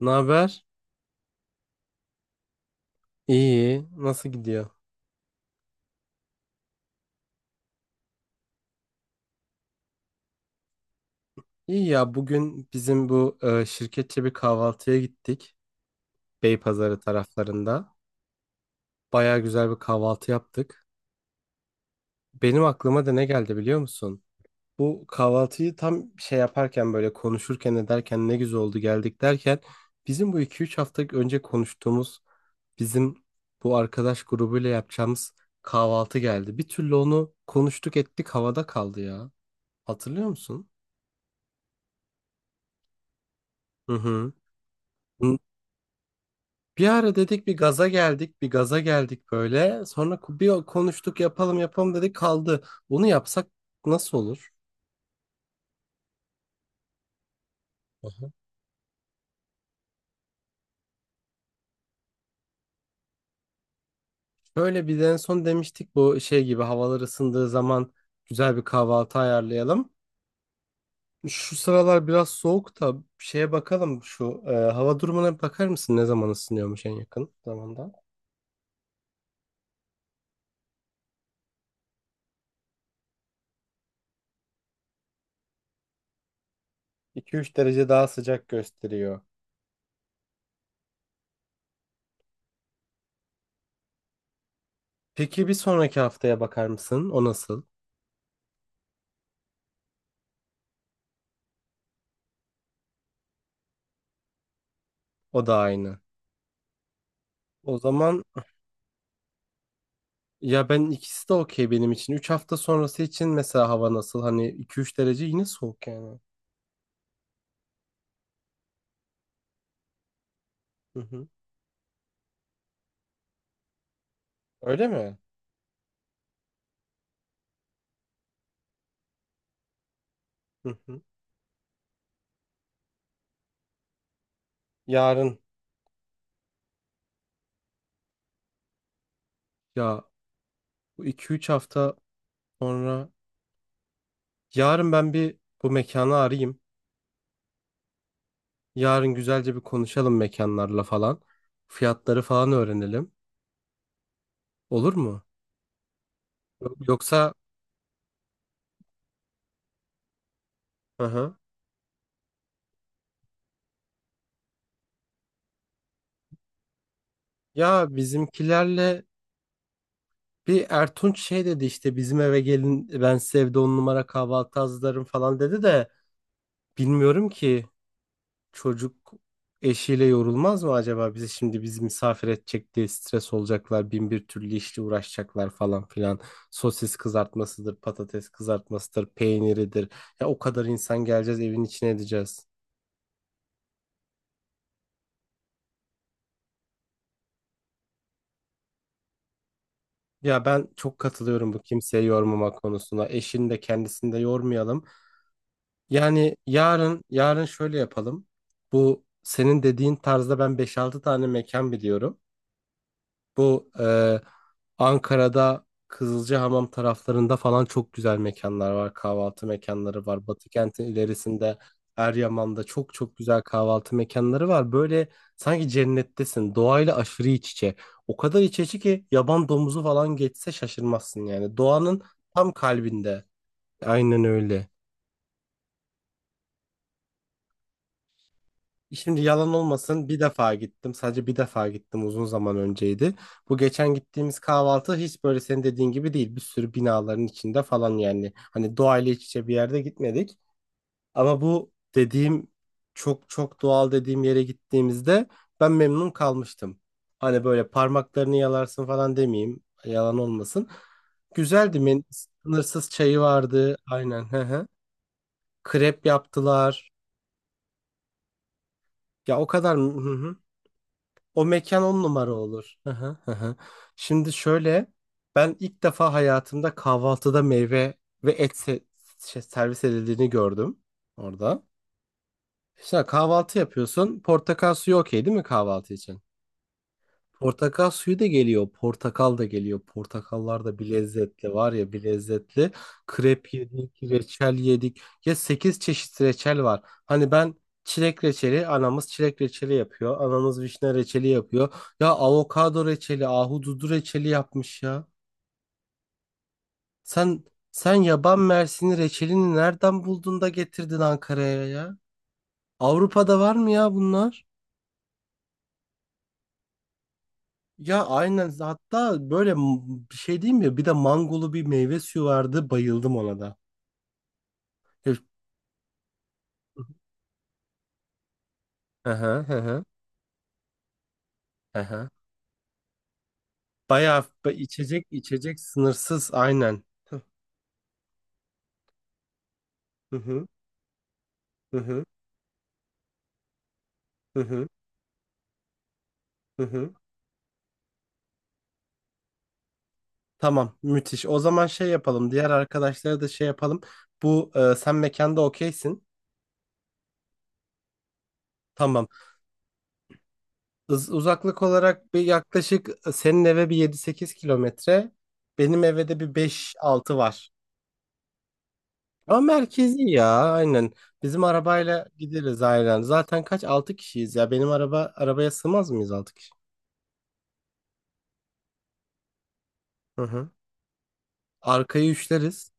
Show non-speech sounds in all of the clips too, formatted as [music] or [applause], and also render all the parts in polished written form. Ne haber? İyi. Nasıl gidiyor? İyi ya, bugün bizim bu şirketçe bir kahvaltıya gittik. Beypazarı taraflarında. Baya güzel bir kahvaltı yaptık. Benim aklıma da ne geldi, biliyor musun? Bu kahvaltıyı tam şey yaparken, böyle konuşurken ederken ne güzel oldu, geldik derken bizim bu 2-3 hafta önce konuştuğumuz bizim bu arkadaş grubuyla yapacağımız kahvaltı geldi. Bir türlü onu konuştuk ettik, havada kaldı ya. Hatırlıyor musun? Hı hı. Bir ara dedik, bir gaza geldik, bir gaza geldik böyle. Sonra bir konuştuk, yapalım yapalım dedik, kaldı. Bunu yapsak nasıl olur? Aha. Böyle bir de en son demiştik, bu şey gibi havalar ısındığı zaman güzel bir kahvaltı ayarlayalım. Şu sıralar biraz soğuk da şeye bakalım, şu hava durumuna bir bakar mısın, ne zaman ısınıyormuş en yakın zamanda? 2-3 derece daha sıcak gösteriyor. Peki bir sonraki haftaya bakar mısın? O nasıl? O da aynı. O zaman. Ya ben, ikisi de okey benim için. 3 hafta sonrası için mesela hava nasıl? Hani 2-3 derece yine soğuk yani. Hı hı. Öyle mi? Hı hı. Yarın, ya bu 2-3 hafta sonra, yarın ben bir bu mekanı arayayım. Yarın güzelce bir konuşalım mekanlarla falan. Fiyatları falan öğrenelim. Olur mu? Yok, yoksa. Hı hı. Ya bizimkilerle bir Ertunç şey dedi, işte bizim eve gelin, ben size evde on numara kahvaltı hazırlarım falan dedi de bilmiyorum ki. Çocuk eşiyle yorulmaz mı acaba? Bizi şimdi bizi misafir edecek diye stres olacaklar. Bin bir türlü işle uğraşacaklar, falan filan. Sosis kızartmasıdır, patates kızartmasıdır, peyniridir. Ya o kadar insan geleceğiz, evin içine edeceğiz. Ya ben çok katılıyorum bu kimseyi yormama konusuna. Eşini de kendisini de yormayalım. Yani yarın şöyle yapalım. Bu senin dediğin tarzda ben beş altı tane mekan biliyorum. Bu Ankara'da Kızılcahamam taraflarında falan çok güzel mekanlar var. Kahvaltı mekanları var. Batı kentin ilerisinde Eryaman'da çok çok güzel kahvaltı mekanları var. Böyle sanki cennettesin. Doğayla aşırı iç içe. O kadar iç içe ki yaban domuzu falan geçse şaşırmazsın yani. Doğanın tam kalbinde. Aynen öyle. Şimdi yalan olmasın, bir defa gittim. Sadece bir defa gittim, uzun zaman önceydi. Bu geçen gittiğimiz kahvaltı hiç böyle senin dediğin gibi değil. Bir sürü binaların içinde falan yani. Hani doğayla iç içe bir yerde gitmedik. Ama bu dediğim çok çok doğal dediğim yere gittiğimizde ben memnun kalmıştım. Hani böyle parmaklarını yalarsın falan demeyeyim. Yalan olmasın. Güzeldi. Sınırsız çayı vardı. Aynen. Hı hı. Krep yaptılar. Ya o kadar. Hı hı. O mekan on numara olur. Hı hı, hı hı. Şimdi şöyle, ben ilk defa hayatımda kahvaltıda meyve ve şey, servis edildiğini gördüm orada. İşte kahvaltı yapıyorsun. Portakal suyu okey değil mi kahvaltı için? Portakal suyu da geliyor, portakal da geliyor. Portakallar da bir lezzetli var ya, bir lezzetli. Krep yedik, reçel yedik. Ya 8 çeşit reçel var. Hani ben çilek reçeli, anamız çilek reçeli yapıyor. Anamız vişne reçeli yapıyor. Ya, avokado reçeli, ahududu reçeli yapmış ya. Sen sen yaban mersini reçelini nereden buldun da getirdin Ankara'ya ya? Avrupa'da var mı ya bunlar? Ya aynen, hatta böyle bir şey diyeyim mi? Bir de mangolu bir meyve suyu vardı, bayıldım ona da. Hep- Hı hı hı hı. Hı hı. Bayağı içecek içecek sınırsız aynen. Hı hı hı hı hı hı. Hı hı. Tamam, müthiş. O zaman şey yapalım, diğer arkadaşlara da şey yapalım. Bu sen mekanda okeysin. Tamam. Uzaklık olarak bir yaklaşık, senin eve bir 7-8 km. Benim eve de bir beş altı var. Ama merkezi ya, aynen. Bizim arabayla gideriz aynen. Zaten kaç? Altı kişiyiz ya. Benim arabaya sığmaz mıyız 6 kişi? Hı hı. Arkayı üçleriz.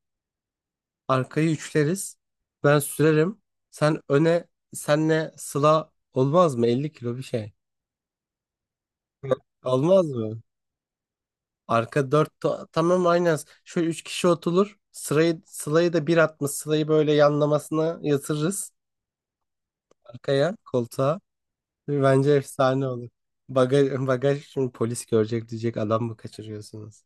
Arkayı üçleriz. Ben sürerim. Sen öne, senle Sıla olmaz mı? 50 kilo bir şey. Hı. Olmaz mı? Arka 4, tamam aynen. Şöyle 3 kişi oturur. Sıla'yı da bir atmış. Sıla'yı böyle yanlamasına yatırırız arkaya, koltuğa. Bence efsane olur. Bagaj, bagaj şimdi polis görecek, diyecek adam mı kaçırıyorsunuz?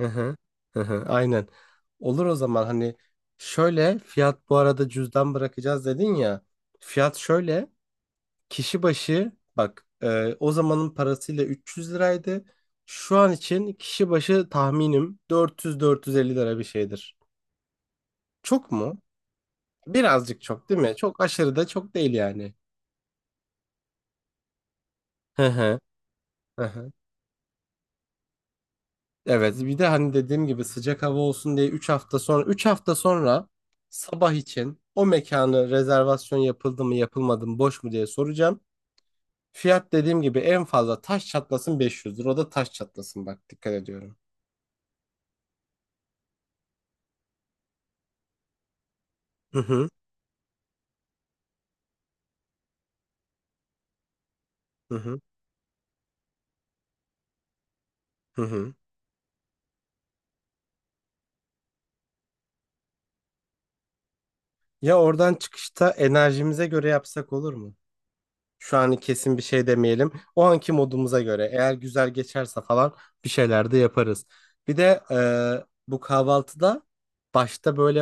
Hı hı. Hı hı. Aynen. Olur, o zaman hani şöyle fiyat, bu arada cüzdan bırakacağız dedin ya. Fiyat şöyle, kişi başı bak, o zamanın parasıyla 300 liraydı. Şu an için kişi başı tahminim 400-450 lira bir şeydir. Çok mu? Birazcık çok değil mi? Çok aşırı da çok değil yani. Hı hı. Hı hı. Evet, bir de hani dediğim gibi sıcak hava olsun diye üç hafta sonra sabah için o mekanı rezervasyon yapıldı mı, yapılmadı mı, boş mu diye soracağım. Fiyat dediğim gibi en fazla taş çatlasın 500 lira, o da taş çatlasın bak, dikkat ediyorum. Hı hı hı hı hı hı. Ya, oradan çıkışta enerjimize göre yapsak olur mu? Şu an kesin bir şey demeyelim. O anki modumuza göre, eğer güzel geçerse falan, bir şeyler de yaparız. Bir de bu kahvaltıda başta böyle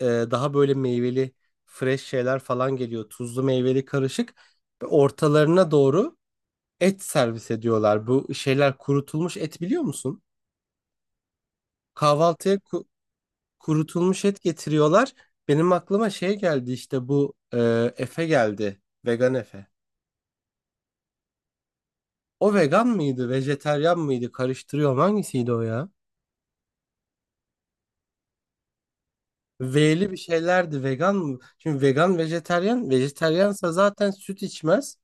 daha böyle meyveli fresh şeyler falan geliyor. Tuzlu, meyveli, karışık. Ve ortalarına doğru et servis ediyorlar. Bu şeyler kurutulmuş et, biliyor musun? Kahvaltıya kurutulmuş et getiriyorlar. Benim aklıma şey geldi işte, bu Efe geldi. Vegan Efe. O vegan mıydı, vejeteryan mıydı? Karıştırıyorum. Hangisiydi o ya? V'li bir şeylerdi. Vegan mı? Şimdi vegan, vejeteryan. Vejeteryansa zaten süt içmez.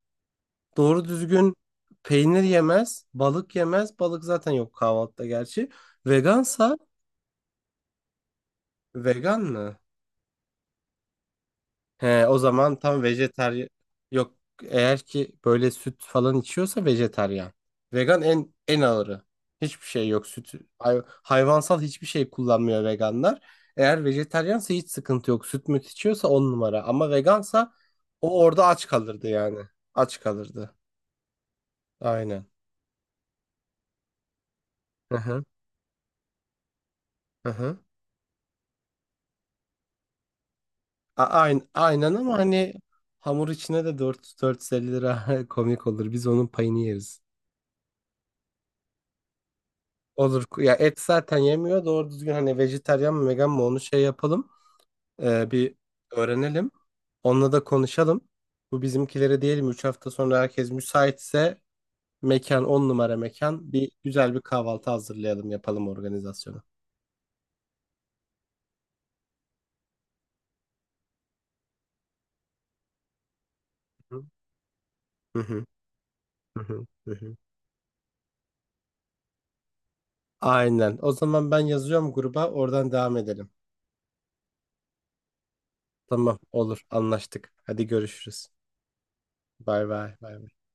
Doğru düzgün peynir yemez, balık yemez. Balık zaten yok kahvaltıda gerçi. Vegansa, vegan mı? He, o zaman tam vejetaryen. Yok, eğer ki böyle süt falan içiyorsa vejetaryen. Vegan en ağırı. Hiçbir şey yok, süt. Hayvansal hiçbir şey kullanmıyor veganlar. Eğer vejetaryense hiç sıkıntı yok. Süt müt içiyorsa on numara. Ama vegansa o orada aç kalırdı yani. Aç kalırdı. Aynen. Hı hı. Hı hı. Aynen ama hani hamur içine de 4 450 lira [laughs] komik olur. Biz onun payını yeriz. Olur. Ya et zaten yemiyor. Doğru düzgün hani vejetaryen mi, vegan mı, onu şey yapalım. Bir öğrenelim. Onunla da konuşalım. Bu bizimkilere diyelim, 3 hafta sonra herkes müsaitse, mekan 10 numara, mekan bir, güzel bir kahvaltı hazırlayalım, yapalım organizasyonu. Hı hı. Hı hı. Hı hı. Aynen. O zaman ben yazıyorum gruba, oradan devam edelim. Tamam, olur, anlaştık. Hadi görüşürüz. Bay bay. Bay bay.